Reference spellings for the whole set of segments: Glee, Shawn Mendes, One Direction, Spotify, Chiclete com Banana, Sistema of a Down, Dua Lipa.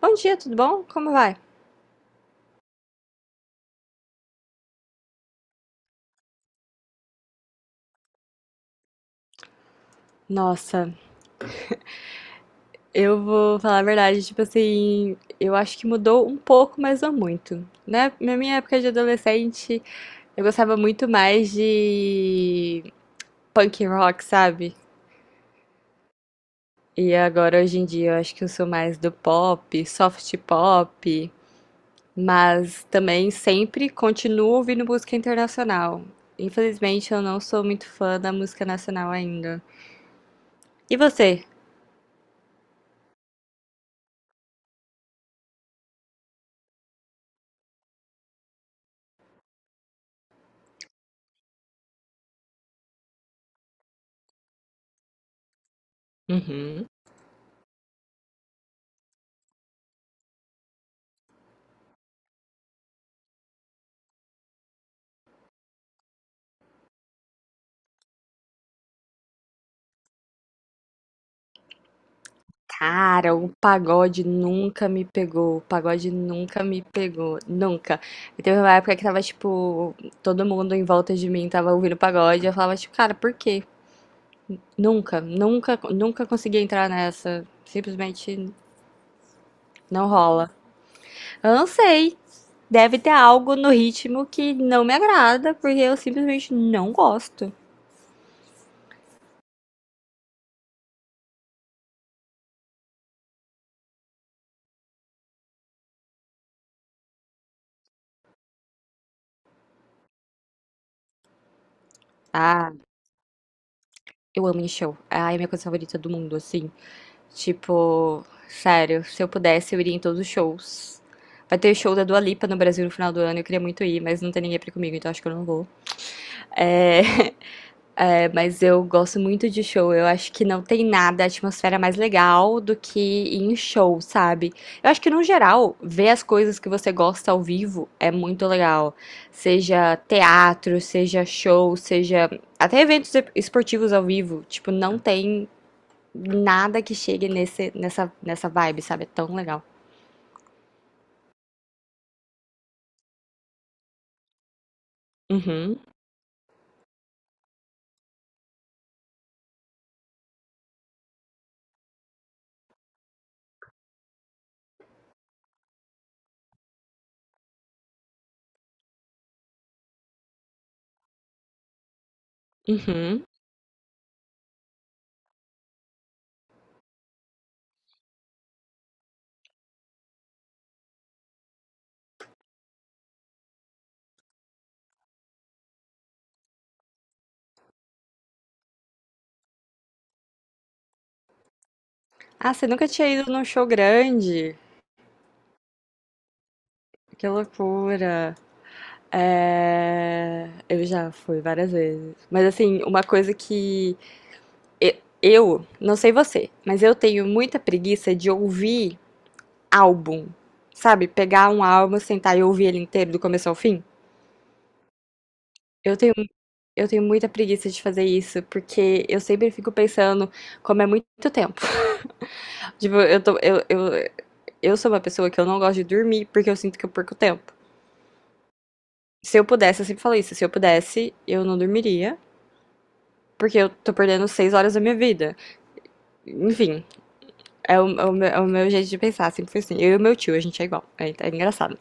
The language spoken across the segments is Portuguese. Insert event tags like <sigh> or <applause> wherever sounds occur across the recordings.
Bom dia, tudo bom? Como vai? Nossa, eu vou falar a verdade, tipo assim, eu acho que mudou um pouco, mas não muito. Né? Na minha época de adolescente, eu gostava muito mais de punk rock, sabe? E agora, hoje em dia, eu acho que eu sou mais do pop, soft pop, mas também sempre continuo ouvindo música internacional. Infelizmente, eu não sou muito fã da música nacional ainda. E você? Uhum. Cara, o pagode nunca me pegou. O pagode nunca me pegou. Nunca. E teve uma época que tava, tipo, todo mundo em volta de mim tava ouvindo pagode. Eu falava, tipo, cara, por quê? Nunca, nunca, nunca consegui entrar nessa. Simplesmente não rola. Eu não sei. Deve ter algo no ritmo que não me agrada, porque eu simplesmente não gosto. Ah, eu amo em show. Ah, é a minha coisa favorita do mundo, assim. Tipo, sério, se eu pudesse, eu iria em todos os shows. Vai ter show da Dua Lipa no Brasil no final do ano, eu queria muito ir, mas não tem ninguém pra ir comigo, então acho que eu não vou. É, <laughs> é, mas eu gosto muito de show, eu acho que não tem nada, a atmosfera mais legal do que ir em show, sabe? Eu acho que no geral, ver as coisas que você gosta ao vivo é muito legal. Seja teatro, seja show, seja até eventos esportivos ao vivo, tipo, não tem nada que chegue nessa vibe, sabe? É tão legal. Uhum, uhum. Ah, você nunca tinha ido num show grande? Que loucura. Eu já fui várias vezes. Mas assim, uma coisa que eu, não sei você, mas eu tenho muita preguiça de ouvir álbum. Sabe? Pegar um álbum, sentar e ouvir ele inteiro do começo ao fim. Eu tenho, eu tenho muita preguiça de fazer isso, porque eu sempre fico pensando, como é muito tempo. Tipo, eu sou uma pessoa que eu não gosto de dormir porque eu sinto que eu perco tempo. Se eu pudesse, eu sempre falo isso, se eu pudesse, eu não dormiria, porque eu tô perdendo 6 horas da minha vida. Enfim, é o meu jeito de pensar, sempre foi assim. Eu e o meu tio, a gente é igual, é, é engraçado.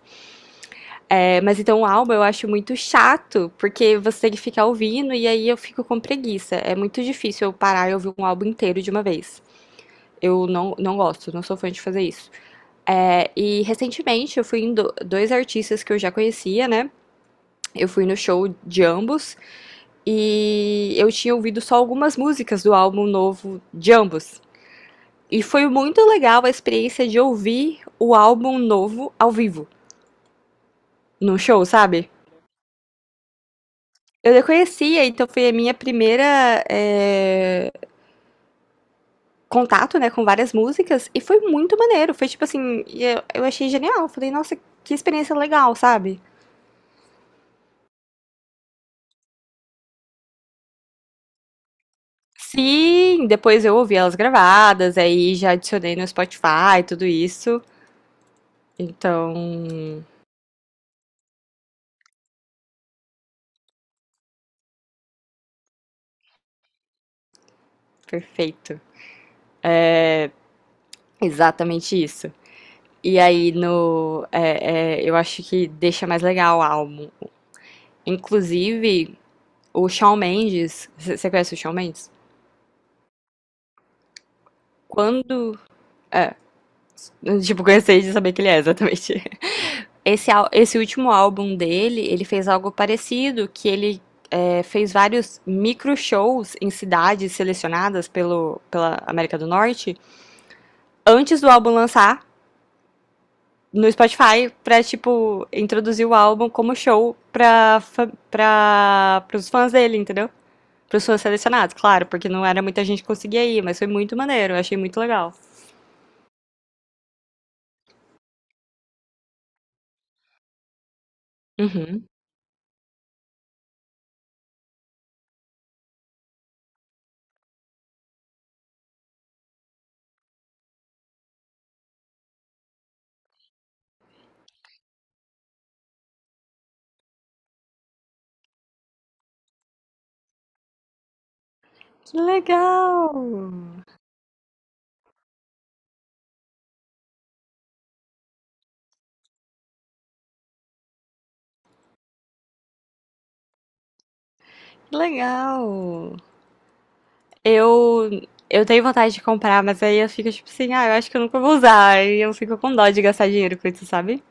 É, mas então o álbum eu acho muito chato, porque você tem que ficar ouvindo e aí eu fico com preguiça. É muito difícil eu parar e ouvir um álbum inteiro de uma vez. Eu não gosto, não sou fã de fazer isso. É, e recentemente eu fui em dois artistas que eu já conhecia, né? Eu fui no show de ambos e eu tinha ouvido só algumas músicas do álbum novo de ambos. E foi muito legal a experiência de ouvir o álbum novo ao vivo, num show, sabe? Eu já conhecia, então foi a minha primeira contato, né, com várias músicas e foi muito maneiro. Foi tipo assim, eu achei genial. Falei, nossa, que experiência legal, sabe? Sim, depois eu ouvi elas gravadas, aí já adicionei no Spotify, tudo isso. Então, perfeito. Exatamente isso. E aí no, eu acho que deixa mais legal o álbum. Inclusive, o Shawn Mendes, você conhece o Shawn Mendes? Quando tipo, gostei de saber que ele é, exatamente. <laughs> Esse, esse último álbum dele, ele fez algo parecido, que ele fez vários micro shows em cidades selecionadas pelo, pela América do Norte, antes do álbum lançar no Spotify, pra, tipo, introduzir o álbum como show pra, pros fãs dele, entendeu? Pros fãs selecionados, claro, porque não era muita gente que conseguia ir, mas foi muito maneiro, eu achei muito legal. Uhum. Que legal! Que legal! Eu eu tenho vontade de comprar, mas aí eu fico tipo assim, ah, eu acho que eu nunca vou usar. E eu fico com dó de gastar dinheiro com isso, sabe?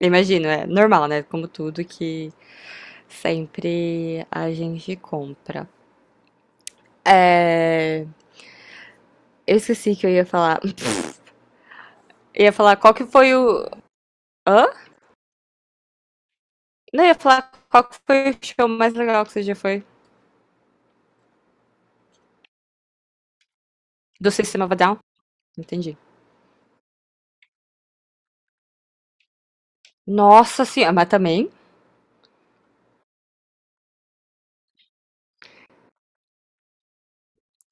Eu imagino, é normal, né? Como tudo que sempre a gente compra. É... Eu esqueci que eu ia falar. <laughs> Eu ia falar qual que foi o. Hã? Não, eu ia falar qual que foi o show mais legal que você já foi. Do Sistema of a Down? Entendi. Nossa senhora, mas também,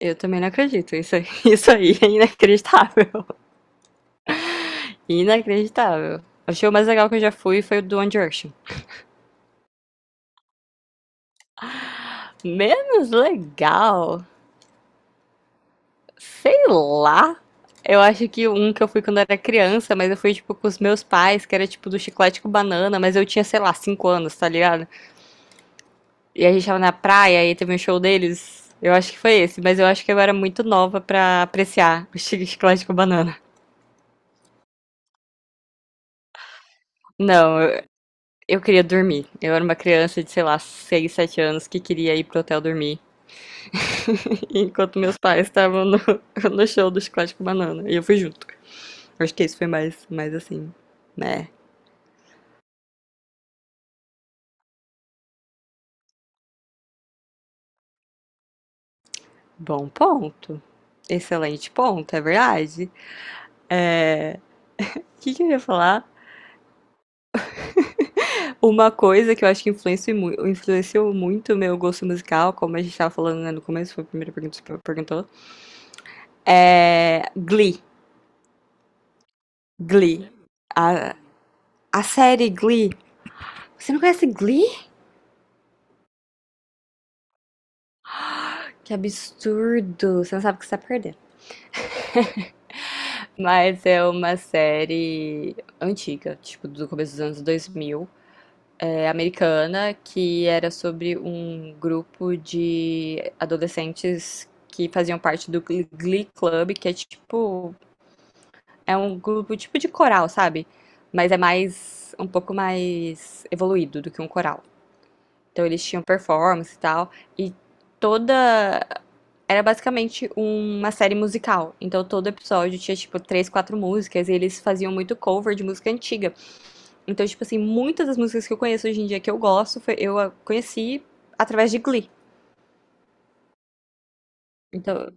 eu também não acredito. Isso, <laughs> isso aí é inacreditável. Inacreditável. O show mais legal que eu já fui foi o do One Direction. Menos legal? Sei lá. Eu acho que um que eu fui quando era criança, mas eu fui, tipo, com os meus pais, que era, tipo, do Chiclete com Banana, mas eu tinha, sei lá, 5 anos, tá ligado? E a gente tava na praia e teve um show deles. Eu acho que foi esse, mas eu acho que eu era muito nova pra apreciar o <laughs> Chiclete com Banana. Não, eu queria dormir. Eu era uma criança de, sei lá, 6, 7 anos que queria ir pro hotel dormir, enquanto meus pais estavam no, <laughs> no show do Chiclete com Banana. E eu fui junto. Acho que esse foi mais, mais assim, né? Bom ponto. Excelente ponto, é verdade. O que, que eu ia falar? Uma coisa que eu acho que influenciou, influenciou muito o meu gosto musical, como a gente tava falando, né, no começo, foi a primeira pergunta que você perguntou, é Glee. Glee. A, a série Glee. Você não conhece Glee? Que absurdo. Você não sabe o que você tá perdendo. Mas é uma série antiga, tipo, do começo dos anos 2000, é, americana, que era sobre um grupo de adolescentes que faziam parte do Glee Club, que é tipo, é um grupo tipo de coral, sabe? Mas é mais, um pouco mais evoluído do que um coral. Então eles tinham performance e tal. E toda. Era basicamente uma série musical. Então todo episódio tinha, tipo, três, quatro músicas. E eles faziam muito cover de música antiga. Então, tipo assim, muitas das músicas que eu conheço hoje em dia que eu gosto, eu a conheci através de Glee. Então,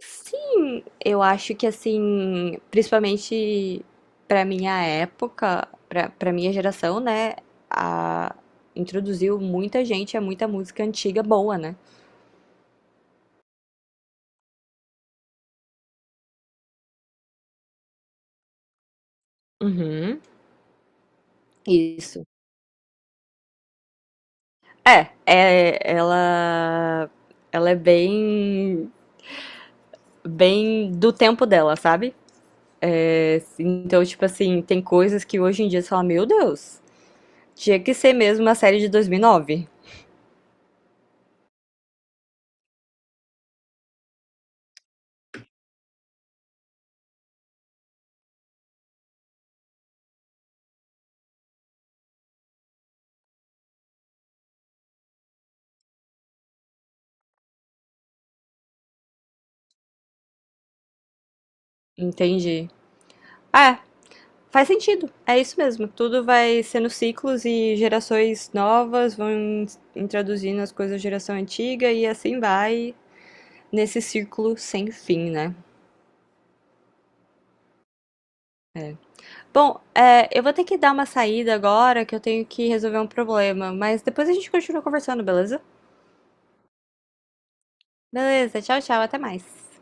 sim, eu acho que assim, principalmente pra minha época, pra para minha geração, né, a- introduziu muita gente a muita música antiga boa, né? Uhum. Isso. É, ela, ela é bem, bem do tempo dela, sabe? É, então, tipo assim, tem coisas que hoje em dia você fala, meu Deus, tinha que ser mesmo uma série de 2009. Entendi. É, faz sentido. É isso mesmo. Tudo vai sendo ciclos e gerações novas vão introduzindo as coisas da geração antiga e assim vai nesse círculo sem fim, né? Bom, é, eu vou ter que dar uma saída agora que eu tenho que resolver um problema, mas depois a gente continua conversando, beleza? Beleza, tchau, tchau, até mais.